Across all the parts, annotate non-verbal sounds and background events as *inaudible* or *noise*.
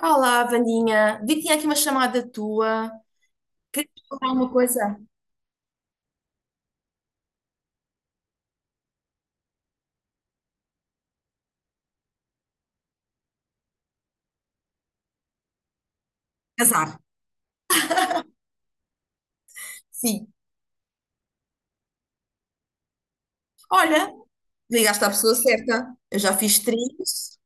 Olá, Vandinha. Vi que tinha aqui uma chamada tua. Queria falar uma coisa. Casar. Sim. Olha, ligaste à pessoa certa. Eu já fiz três.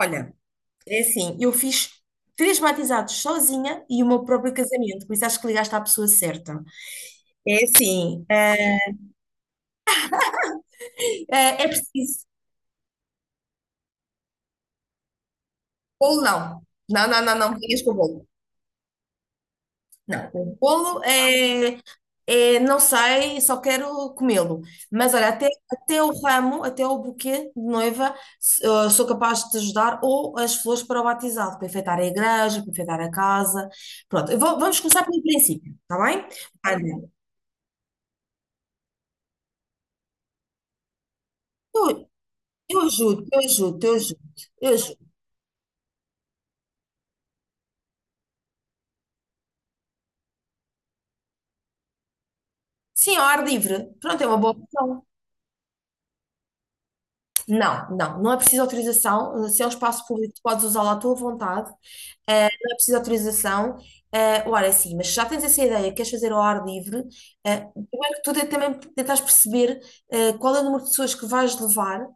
Olha, é assim, eu fiz três batizados sozinha e o meu próprio casamento, por isso acho que ligaste à pessoa certa. É assim, é, preciso. Bolo não. Não, não, não, não, me venhas com o bolo. Não, o bolo é, não sei, só quero comê-lo. Mas olha, até o ramo, até o buquê de noiva, sou capaz de te ajudar, ou as flores para o batizado, para enfeitar a igreja, para enfeitar a casa. Pronto, vamos começar pelo princípio, está bem? Olha, eu, eu ajudo, eu ajudo, eu ajudo, eu ajudo. Sim, ao ar livre. Pronto, é uma boa opção. Não, não, não é preciso autorização. Se é um espaço público, tu podes usá-lo à tua vontade. Ah, não é preciso autorização. Ah, ora, sim, mas se já tens essa ideia, queres fazer ao ar livre, ah, primeiro que tudo é também tentares perceber qual é o número de pessoas que vais levar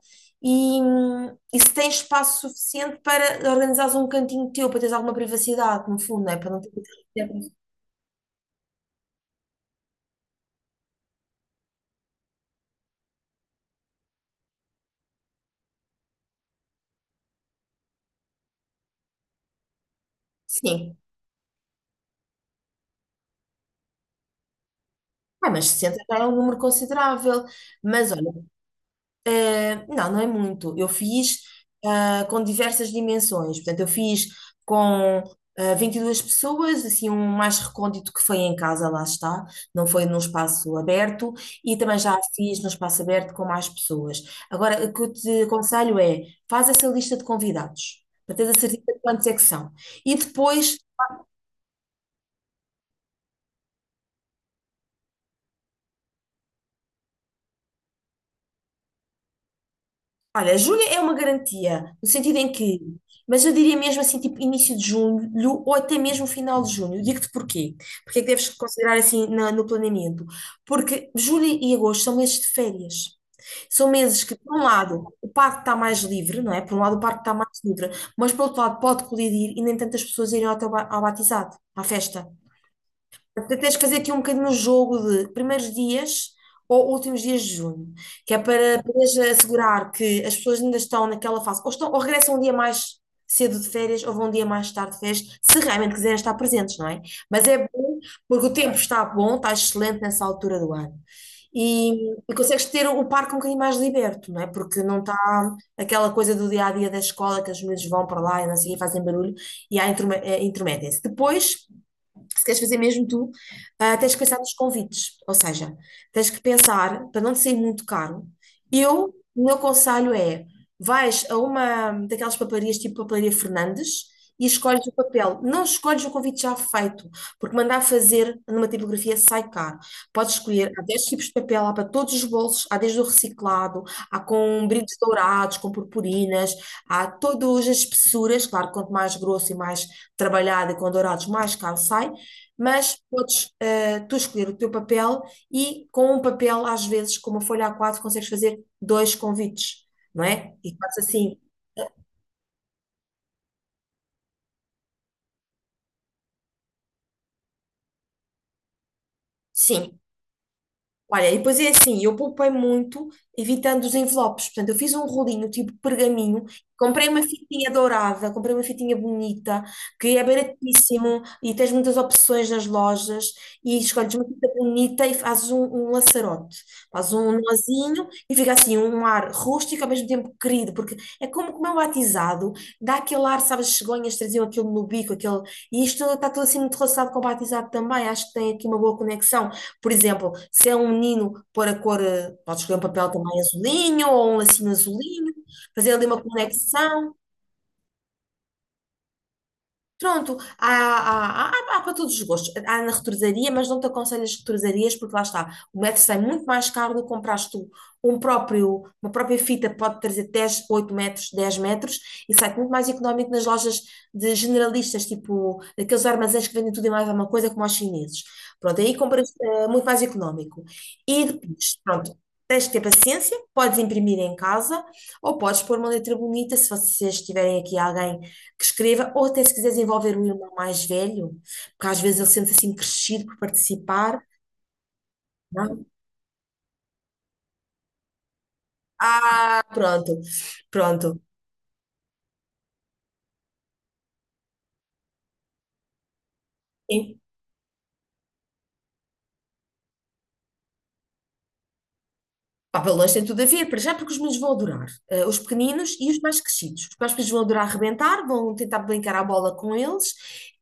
e se tens espaço suficiente para organizares um cantinho teu, para teres alguma privacidade, no fundo, não é? Para não ter que ter- Sim. Ah, mas 60 já é um número considerável. Mas olha, não, não é muito. Eu fiz com diversas dimensões. Portanto, eu fiz com 22 pessoas, assim, um mais recôndito que foi em casa, lá está, não foi num espaço aberto, e também já fiz num espaço aberto com mais pessoas. Agora, o que eu te aconselho é, faz essa lista de convidados, para teres a certeza de quantos é que são. E depois. Olha, julho é uma garantia, no sentido em que, mas eu diria mesmo assim, tipo início de julho ou até mesmo final de junho. Eu digo-te porquê. Porque é que deves considerar assim no planeamento? Porque julho e agosto são meses de férias. São meses que, por um lado, o parque está mais livre, não é? Por um lado, o parque está mais livre, mas por outro lado, pode colidir e nem tantas pessoas irem ao batizado, à festa. Até tens que fazer aqui um bocadinho um jogo de primeiros dias ou últimos dias de junho, que é para poderes assegurar que as pessoas ainda estão naquela fase, ou, estão, ou regressam um dia mais cedo de férias, ou vão um dia mais tarde de férias, se realmente quiserem estar presentes, não é? Mas é bom, porque o tempo está bom, está excelente nessa altura do ano. E, e consegues ter o parque um bocadinho mais liberto, não é? Porque não está aquela coisa do dia a dia da escola que os meninos vão para lá e não sei, o quê, fazem barulho e há intrometem-se. Depois se queres fazer mesmo tu, tens que pensar nos convites, ou seja, tens que pensar, para não te sair muito caro, o meu conselho é, vais a uma daquelas papelarias tipo Papelaria Fernandes e escolhes o papel, não escolhes o convite já feito, porque mandar fazer numa tipografia sai caro. Podes escolher, há 10 tipos de papel, há para todos os bolsos, há desde o reciclado, há com brilhos dourados, com purpurinas, há todas as espessuras, claro, quanto mais grosso e mais trabalhado e com dourados, mais caro sai, mas podes tu escolher o teu papel e com um papel, às vezes, com uma folha A4, consegues fazer dois convites, não é? E fazes assim, sim. Olha, e depois é assim, eu poupei muito evitando os envelopes. Portanto, eu fiz um rolinho tipo pergaminho, comprei uma fitinha dourada, comprei uma fitinha bonita, que é baratíssimo e tens muitas opções nas lojas e escolhes uma fita bonita e fazes um, um laçarote. Fazes um nozinho e fica assim um ar rústico ao mesmo tempo querido, porque é como comer um batizado, dá aquele ar, sabes, as cegonhas traziam aquilo no bico, aquele... E isto está tudo assim muito relacionado com o batizado também, acho que tem aqui uma boa conexão, por exemplo, se é um menino pôr a cor, pode escolher um papel também azulinho ou um lacinho azulinho, fazer ali uma conexão. Pronto, há para todos os gostos. Há na retrosaria, mas não te aconselho as retrosarias, porque lá está, o metro sai muito mais caro do que compraste tu um próprio, uma própria fita, pode trazer 10, 8 metros, 10 metros, e sai muito mais económico nas lojas de generalistas, tipo daqueles armazéns que vendem tudo e mais alguma coisa, como aos chineses. Pronto, aí compras muito mais económico. E depois, pronto. Tens que ter paciência, podes imprimir em casa ou podes pôr uma letra bonita se vocês tiverem aqui alguém que escreva, ou até se quiseres envolver um irmão mais velho, porque às vezes ele sente-se assim crescido por participar, não? é? Ah, pronto, pronto. Pá, balões tem tudo a ver, para já, porque os meninos vão adorar. Os pequeninos e os mais crescidos. Os mais pequenos vão adorar arrebentar, vão tentar brincar à bola com eles.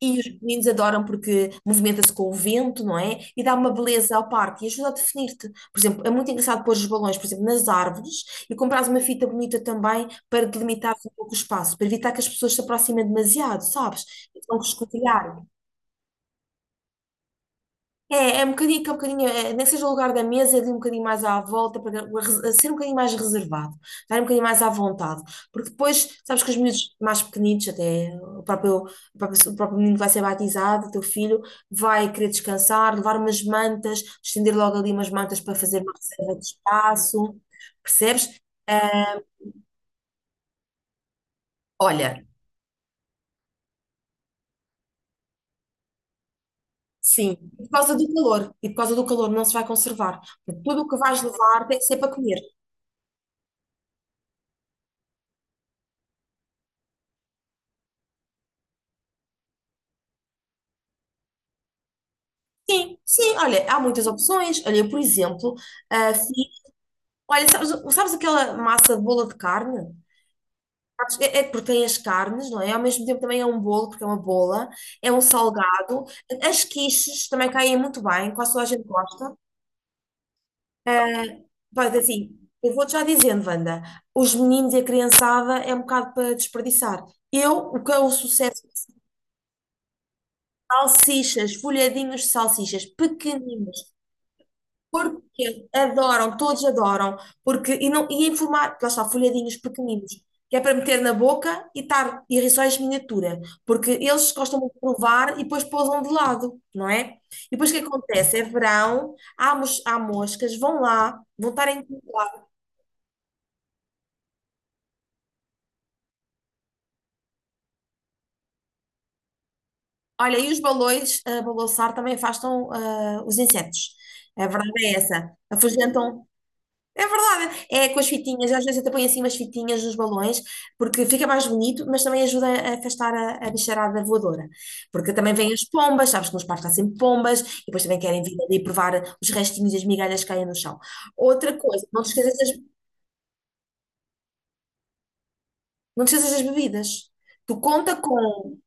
E os pequeninos adoram porque movimenta-se com o vento, não é? E dá uma beleza ao parque e ajuda a definir-te. Por exemplo, é muito engraçado pôr os balões, por exemplo, nas árvores e comprares uma fita bonita também para delimitar um pouco o espaço, para evitar que as pessoas se aproximem demasiado, sabes? Vão escovilhar. É, é um bocadinho, que é um bocadinho, é, nem que seja o lugar da mesa, é ali um bocadinho mais à volta, ser um bocadinho mais reservado, estar um bocadinho mais à vontade. Porque depois, sabes que os miúdos mais pequenitos, até o próprio menino que vai ser batizado, o teu filho, vai querer descansar, levar umas mantas, estender logo ali umas mantas para fazer uma reserva de espaço, percebes? Olha, sim. E por causa do calor não se vai conservar. Tudo o que vais levar tem que ser para comer. Sim, sim, olha, há muitas opções. Olha, eu, por exemplo, ah, fiz- olha, sabes aquela massa de bola de carne? Sabes? É, porque tem as carnes, não é? Ao mesmo tempo também é um bolo, porque é uma bola, é um salgado. As quiches também caem muito bem, quase toda a gente gosta. Pois assim, eu vou-te já dizendo, Wanda, os meninos e a criançada é um bocado para desperdiçar. Eu, o que é o sucesso? Salsichas, folhadinhos de salsichas, pequeninos. Porque adoram, todos adoram, porque e não e em formato, lá está, folhadinhos pequeninos, que é para meter na boca e estar e rissóis miniatura, porque eles gostam muito de provar e depois pousam de lado, não é? E depois o que acontece? É verão, há moscas, vão lá, vão estar em. Olha, e os balões a balançar também afastam os insetos. A verdade é essa. Afugentam. É verdade. É com as fitinhas, às vezes até põe assim umas fitinhas nos balões, porque fica mais bonito, mas também ajuda a afastar a bicharada voadora. Porque também vêm as pombas, sabes que nos parques há sempre pombas, e depois também querem vir ali provar os restinhos e as migalhas que caem no chão. Outra coisa, não te esqueças das, não te esqueças das bebidas. Tu conta com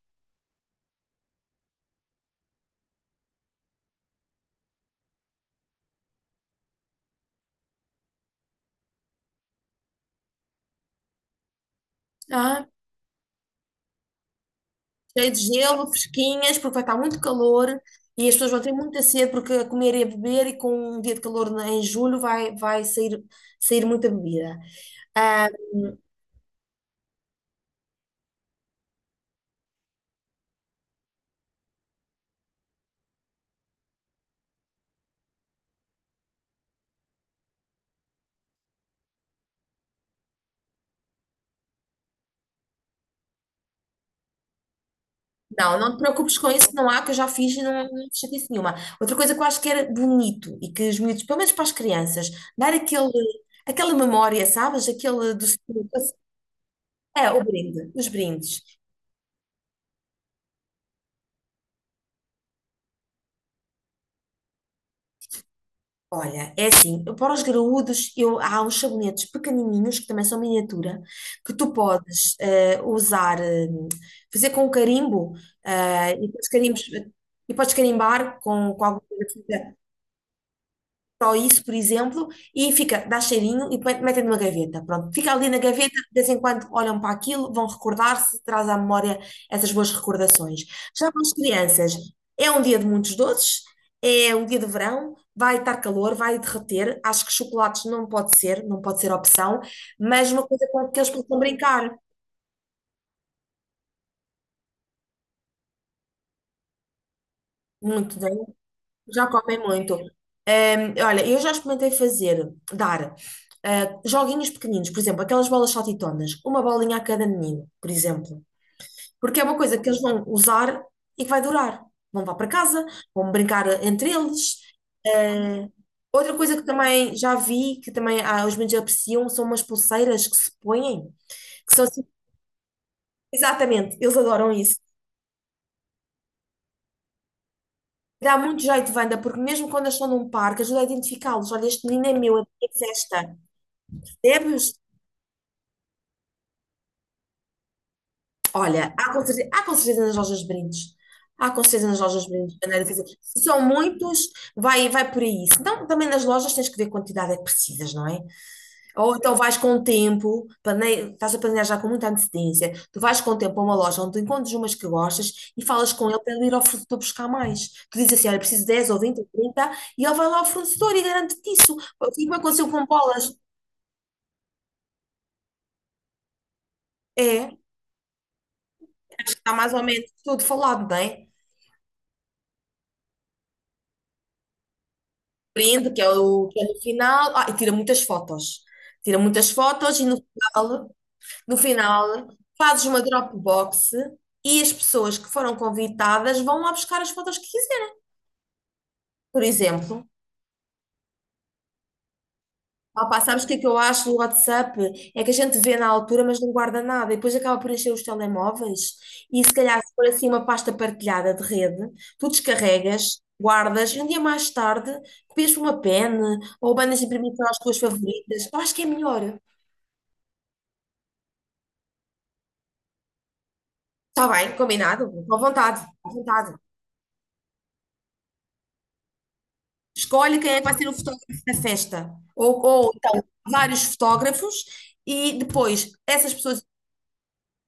ah, cheio de gelo, fresquinhas, porque vai estar muito calor. E as pessoas vão ter muita sede porque a comer e a beber, e com um dia de calor em julho vai sair muita bebida. Ah, não, não te preocupes com isso, não há, que eu já fiz e não, não fiz chatice nenhuma. Outra coisa que eu acho que era bonito e que os miúdos, pelo menos para as crianças, dar aquele, aquela memória, sabes? Aquele do. É, o brinde, os brindes. Olha, é assim, para os graúdos, eu, há uns sabonetes pequenininhos, que também são miniatura, que tu podes usar, fazer com carimbo, e depois carimbos, e podes carimbar com alguma coisa. Só isso, por exemplo, e fica, dá cheirinho e metem numa gaveta. Pronto, fica ali na gaveta, de vez em quando olham para aquilo, vão recordar-se, traz à memória essas boas recordações. Já para as crianças, é um dia de muitos doces, é um dia de verão, vai estar calor, vai derreter. Acho que chocolates não pode ser, não pode ser opção, mas uma coisa com que eles possam brincar muito. Já comem muito. Olha, eu já experimentei fazer, dar joguinhos pequeninos, por exemplo, aquelas bolas saltitonas, uma bolinha a cada menino, por exemplo. Porque é uma coisa que eles vão usar e que vai durar. Vão levar para casa, vão brincar entre eles. Eh, Outra coisa que também já vi, que também os meninos apreciam, são umas pulseiras que se põem, que são assim, exatamente, eles adoram isso. Dá muito jeito, Wanda, porque mesmo quando eles estão num parque, ajuda a identificá-los. Olha, este menino é meu, é da festa. Temos, olha, há com certeza nas lojas de brindes. Há com certeza nas lojas de brindes. Não é difícil. Se são muitos, vai, vai por aí. Então também nas lojas tens que ver a quantidade é que precisas, não é? Ou então vais com o tempo, estás a planejar já com muita antecedência. Tu vais com o tempo a uma loja onde tu encontras umas que gostas e falas com ele para ele ir ao fornecedor buscar mais. Tu dizes assim, olha, preciso 10 ou 20 ou 30 e ele vai lá ao fornecedor e garante-te isso. Assim como aconteceu com bolas. É, está mais ou menos tudo falado, não é? Brinde, que é o, que é no final. Ah, e tira muitas fotos. Tira muitas fotos e no final, no final fazes uma Dropbox e as pessoas que foram convidadas vão lá buscar as fotos que quiserem. Por exemplo, opá, sabes o que é que eu acho do WhatsApp? É que a gente vê na altura, mas não guarda nada e depois acaba por encher os telemóveis. E se calhar, se for assim uma pasta partilhada de rede, tu descarregas. Guardas, e um dia mais tarde, copias por uma pen ou bandas de imprimir para as tuas favoritas. Eu acho que é melhor. Está bem, combinado. À vontade, à vontade. Escolhe quem é que vai ser o fotógrafo da festa. Ou então, vários fotógrafos e depois essas pessoas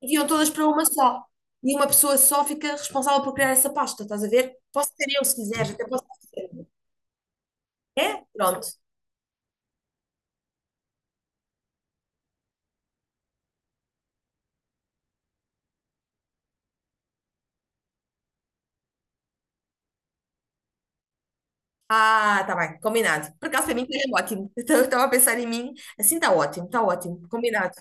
enviam todas para uma só. E uma pessoa só fica responsável por criar essa pasta, estás a ver? Posso ser eu se quiseres, até posso ser eu. É? Pronto. Ah, tá bem, combinado. Por acaso, para mim, é ótimo. *laughs* Então, eu estava a pensar em mim, assim está ótimo, combinado.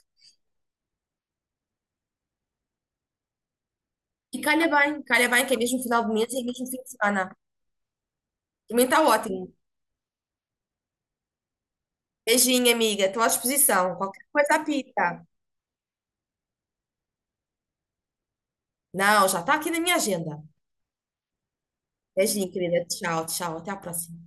E calha bem, que é mesmo final de mês e é mesmo fim de semana. Também está ótimo. Beijinho, amiga. Estou à disposição. Qualquer coisa apita. Não, já está aqui na minha agenda. Beijinho, querida. Tchau, tchau. Até a próxima.